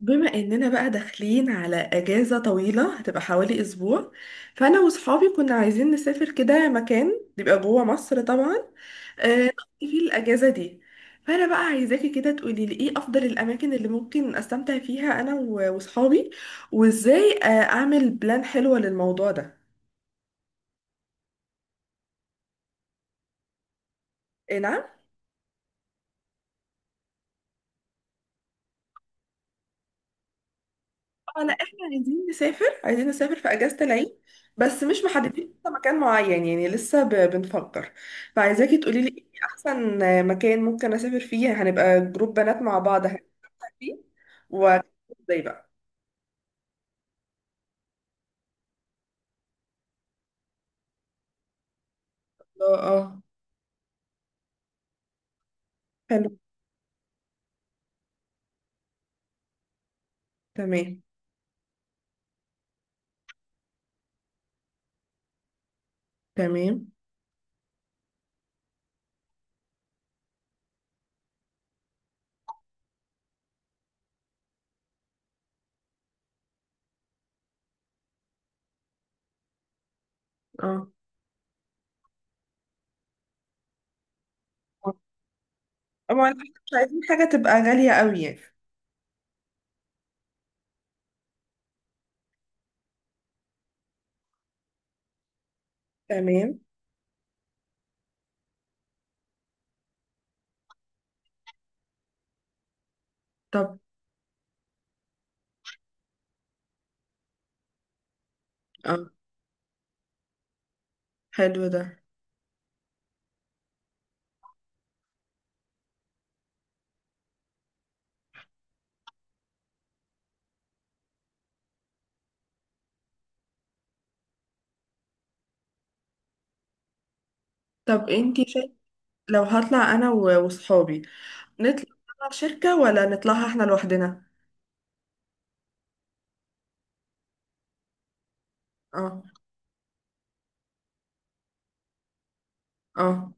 بما اننا بقى داخلين على اجازة طويلة هتبقى حوالي اسبوع. فانا وصحابي كنا عايزين نسافر كده مكان يبقى جوه مصر طبعا، نقضي فيه الاجازة دي. فانا بقى عايزاكي كده تقولي لي ايه افضل الاماكن اللي ممكن استمتع فيها انا وصحابي، وازاي اعمل بلان حلوة للموضوع ده. إيه نعم. اه لا احنا عايزين نسافر عايزين نسافر في اجازة العيد، بس مش محددين لسه مكان معين، يعني لسه بنفكر. فعايزاكي تقولي لي ايه احسن مكان ممكن اسافر فيه، هنبقى جروب بنات مع بعض، هنبقى فيه. و ازاي بقى. اه اه. حلو. تمام تمام. اه طبعا احنا مش عايزين حاجة تبقى غالية قوي يعني. تمام. طب اه حلو ده. طب انتي شايفة، لو هطلع انا وصحابي نطلع شركة ولا نطلعها احنا لوحدنا. اه اه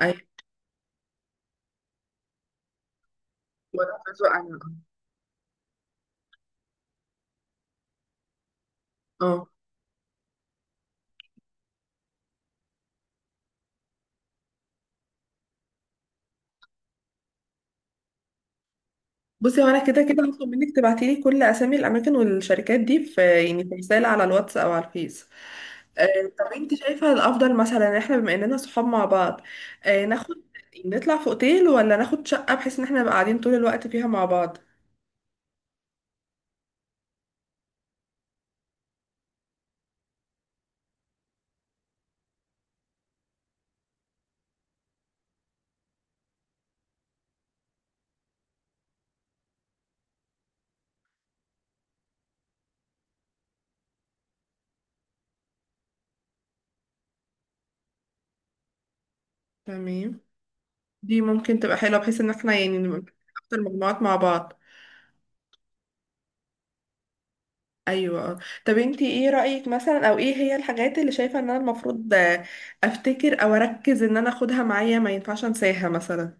ايوه. وانا برضو انا. اه. بصي هو انا كده كده هطلب منك تبعتي لي كل اسامي الاماكن والشركات دي، في يعني في رساله على الواتس او على الفيس. آه طب انت شايفه الافضل مثلا إن احنا بما اننا صحاب مع بعض ناخد، يعني نطلع في اوتيل ولا ناخد شقه بحيث ان احنا نبقى قاعدين طول الوقت فيها مع بعض. تمام. دي ممكن تبقى حلوه بحيث ان احنا يعني نبقى اكتر مجموعات مع بعض. ايوه آه. طب انتي ايه رأيك، مثلا او ايه هي الحاجات اللي شايفة ان انا المفروض افتكر او اركز ان انا اخدها معايا ما ينفعش انساها مثلا.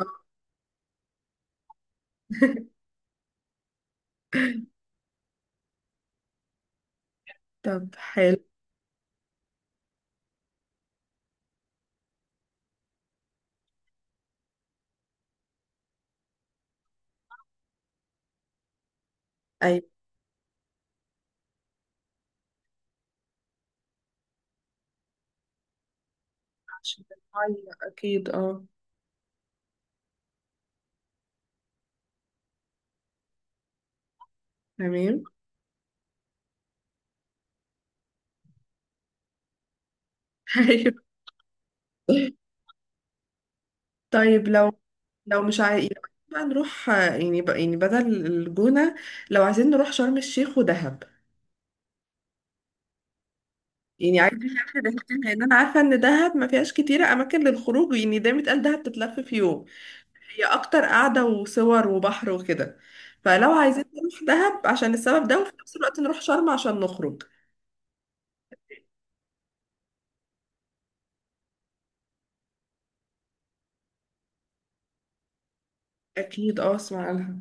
آه. طب حلو. ايوه عشان المية اكيد اه. تمام. ايوه. طيب لو مش عايز بقى نروح يعني بقى يعني بدل الجونة، لو عايزين نروح شرم الشيخ ودهب. يعني عايزة نعمل رحلتين، لان انا عارفة ان دهب ما فيهاش كتير اماكن للخروج، يعني دايما اتقال دهب تتلف في يوم، هي اكتر قعده وصور وبحر وكده. فلو عايزين نروح دهب عشان السبب ده، وفي نفس الوقت نروح شرم عشان نخرج. اكيد اه اسمع عنها.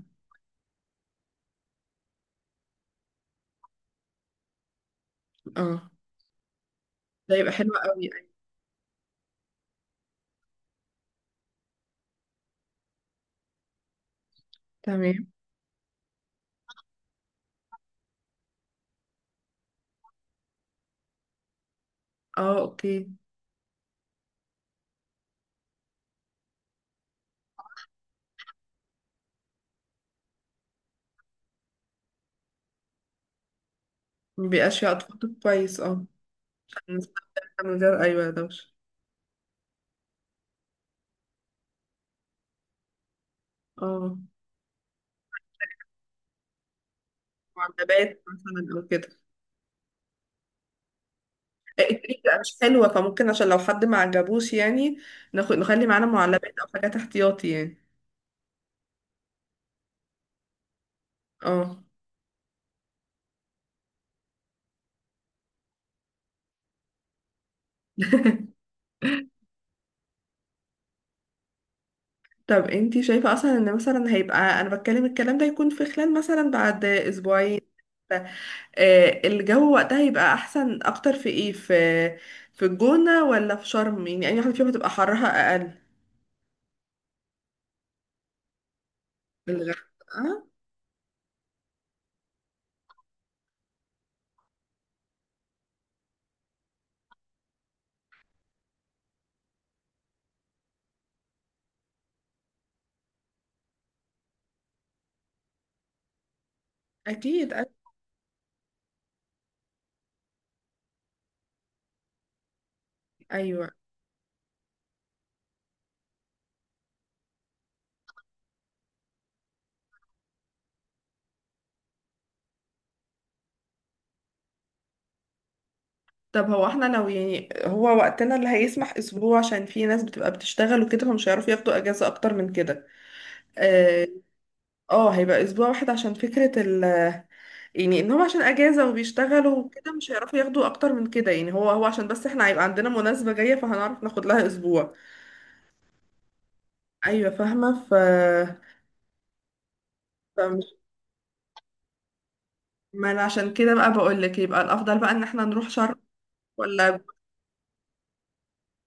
اه ده يبقى حلو قوي. تمام اه اوكي. مبيبقاش فيها اطفال، كويس اه. نستمتع من غير ايوه دوشه. اه معلبات مثلا او كده. التريك بقى مش حلوه، فممكن عشان لو حد ما عجبوش يعني، ناخد نخلي معانا معلبات او حاجات احتياطي يعني. اه. طب انتي شايفة اصلا، ان مثلا هيبقى انا بتكلم الكلام ده يكون في خلال مثلا بعد اسبوعين، الجو وقتها يبقى احسن اكتر في ايه، في الجونة ولا في شرم، يعني اي واحدة فيهم هتبقى حرها اقل. الغردقة. اكيد ايوه. طب هو احنا لو، يعني هو وقتنا اللي هيسمح اسبوع، عشان في ناس بتبقى بتشتغل وكده فمش هيعرفوا ياخدوا اجازة اكتر من كده، آه، اه هيبقى اسبوع واحد، عشان فكرة يعني انهم عشان اجازة وبيشتغلوا وكده مش هيعرفوا ياخدوا اكتر من كده، يعني هو عشان بس احنا هيبقى عندنا مناسبة جاية فهنعرف ناخد لها اسبوع. ايوه فاهمة. فمش، ما انا عشان كده بقى بقول لك، يبقى الافضل بقى ان احنا نروح شرم ولا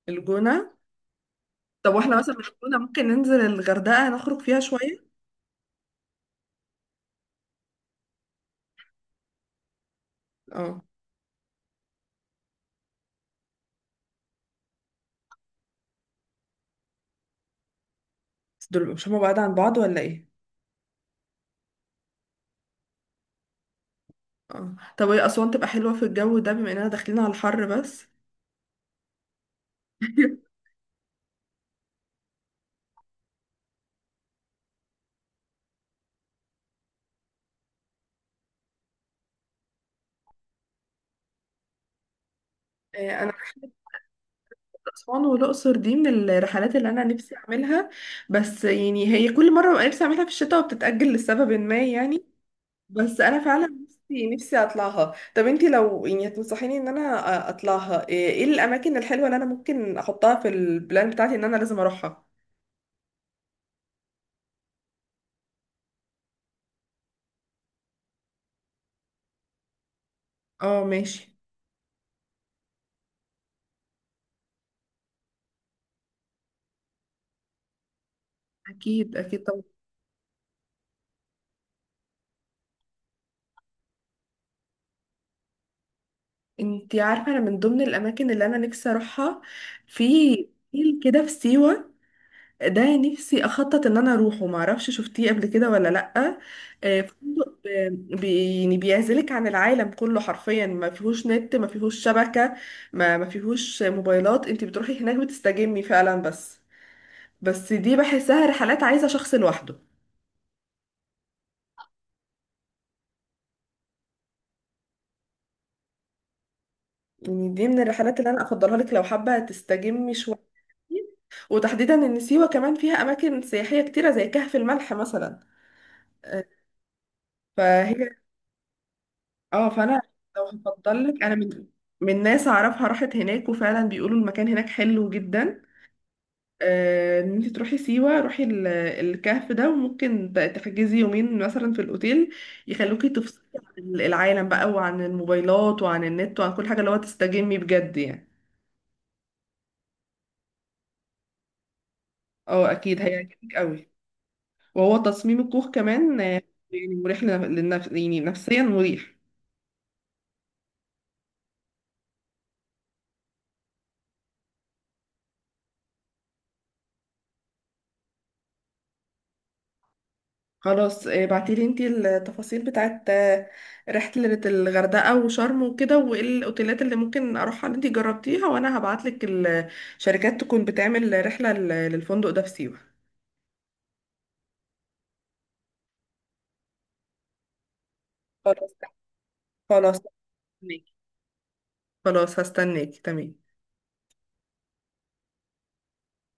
الجونة. طب واحنا مثلا من الجونة ممكن ننزل الغردقة نخرج فيها شوية. اه. بس دول مش هما بعاد عن بعض ولا ايه. اه طب هي اسوان تبقى حلوة في الجو ده بما اننا داخلين على الحر، بس انا، أسوان والأقصر دي من الرحلات اللي أنا نفسي أعملها، بس يعني هي كل مرة ببقى نفسي أعملها في الشتاء وبتتأجل لسبب ما يعني. بس أنا فعلا نفسي نفسي أطلعها. طب أنتي لو يعني تنصحيني إن أنا أطلعها، إيه إيه الأماكن الحلوة اللي أنا ممكن أحطها في البلان بتاعتي إن أنا لازم أروحها. اه ماشي. أكيد أكيد طبعا. أنتي عارفة، أنا من ضمن الأماكن اللي أنا نفسي أروحها، في فيل كده في سيوة، ده نفسي اخطط ان انا اروحه، ما اعرفش شفتيه قبل كده ولا لا. فندق يعني بيعزلك عن العالم كله حرفيا، ما فيهوش نت، ما فيهوش شبكة، ما فيهوش موبايلات، انت بتروحي هناك بتستجمي فعلا، بس بس دي بحسها رحلات عايزة شخص لوحده. يعني دي من الرحلات اللي انا افضلها لك لو حابة تستجمي شوية، وتحديدا ان سيوة كمان فيها اماكن سياحية كتيرة زي كهف الملح مثلا، آه، فهي اه. فانا لو هفضل لك، انا من ناس اعرفها راحت هناك وفعلا بيقولوا المكان هناك حلو جدا، ان انت تروحي سيوة روحي الكهف ده، وممكن تحجزي يومين مثلا في الاوتيل، يخلوكي تفصلي عن العالم بقى وعن الموبايلات وعن النت وعن كل حاجة، اللي هو تستجمي بجد يعني. اه اكيد هيعجبك قوي. وهو تصميم الكوخ كمان يعني مريح للنفس، يعني نفسيا مريح. خلاص ابعتي لي انتي التفاصيل بتاعت رحلة الغردقة وشرم وكده، وايه الاوتيلات اللي ممكن اروحها اللي انتي جربتيها، وانا هبعتلك الشركات تكون بتعمل رحلة للفندق ده في سيوة. خلاص. خلاص هستناكي. خلاص هستناكي تمام.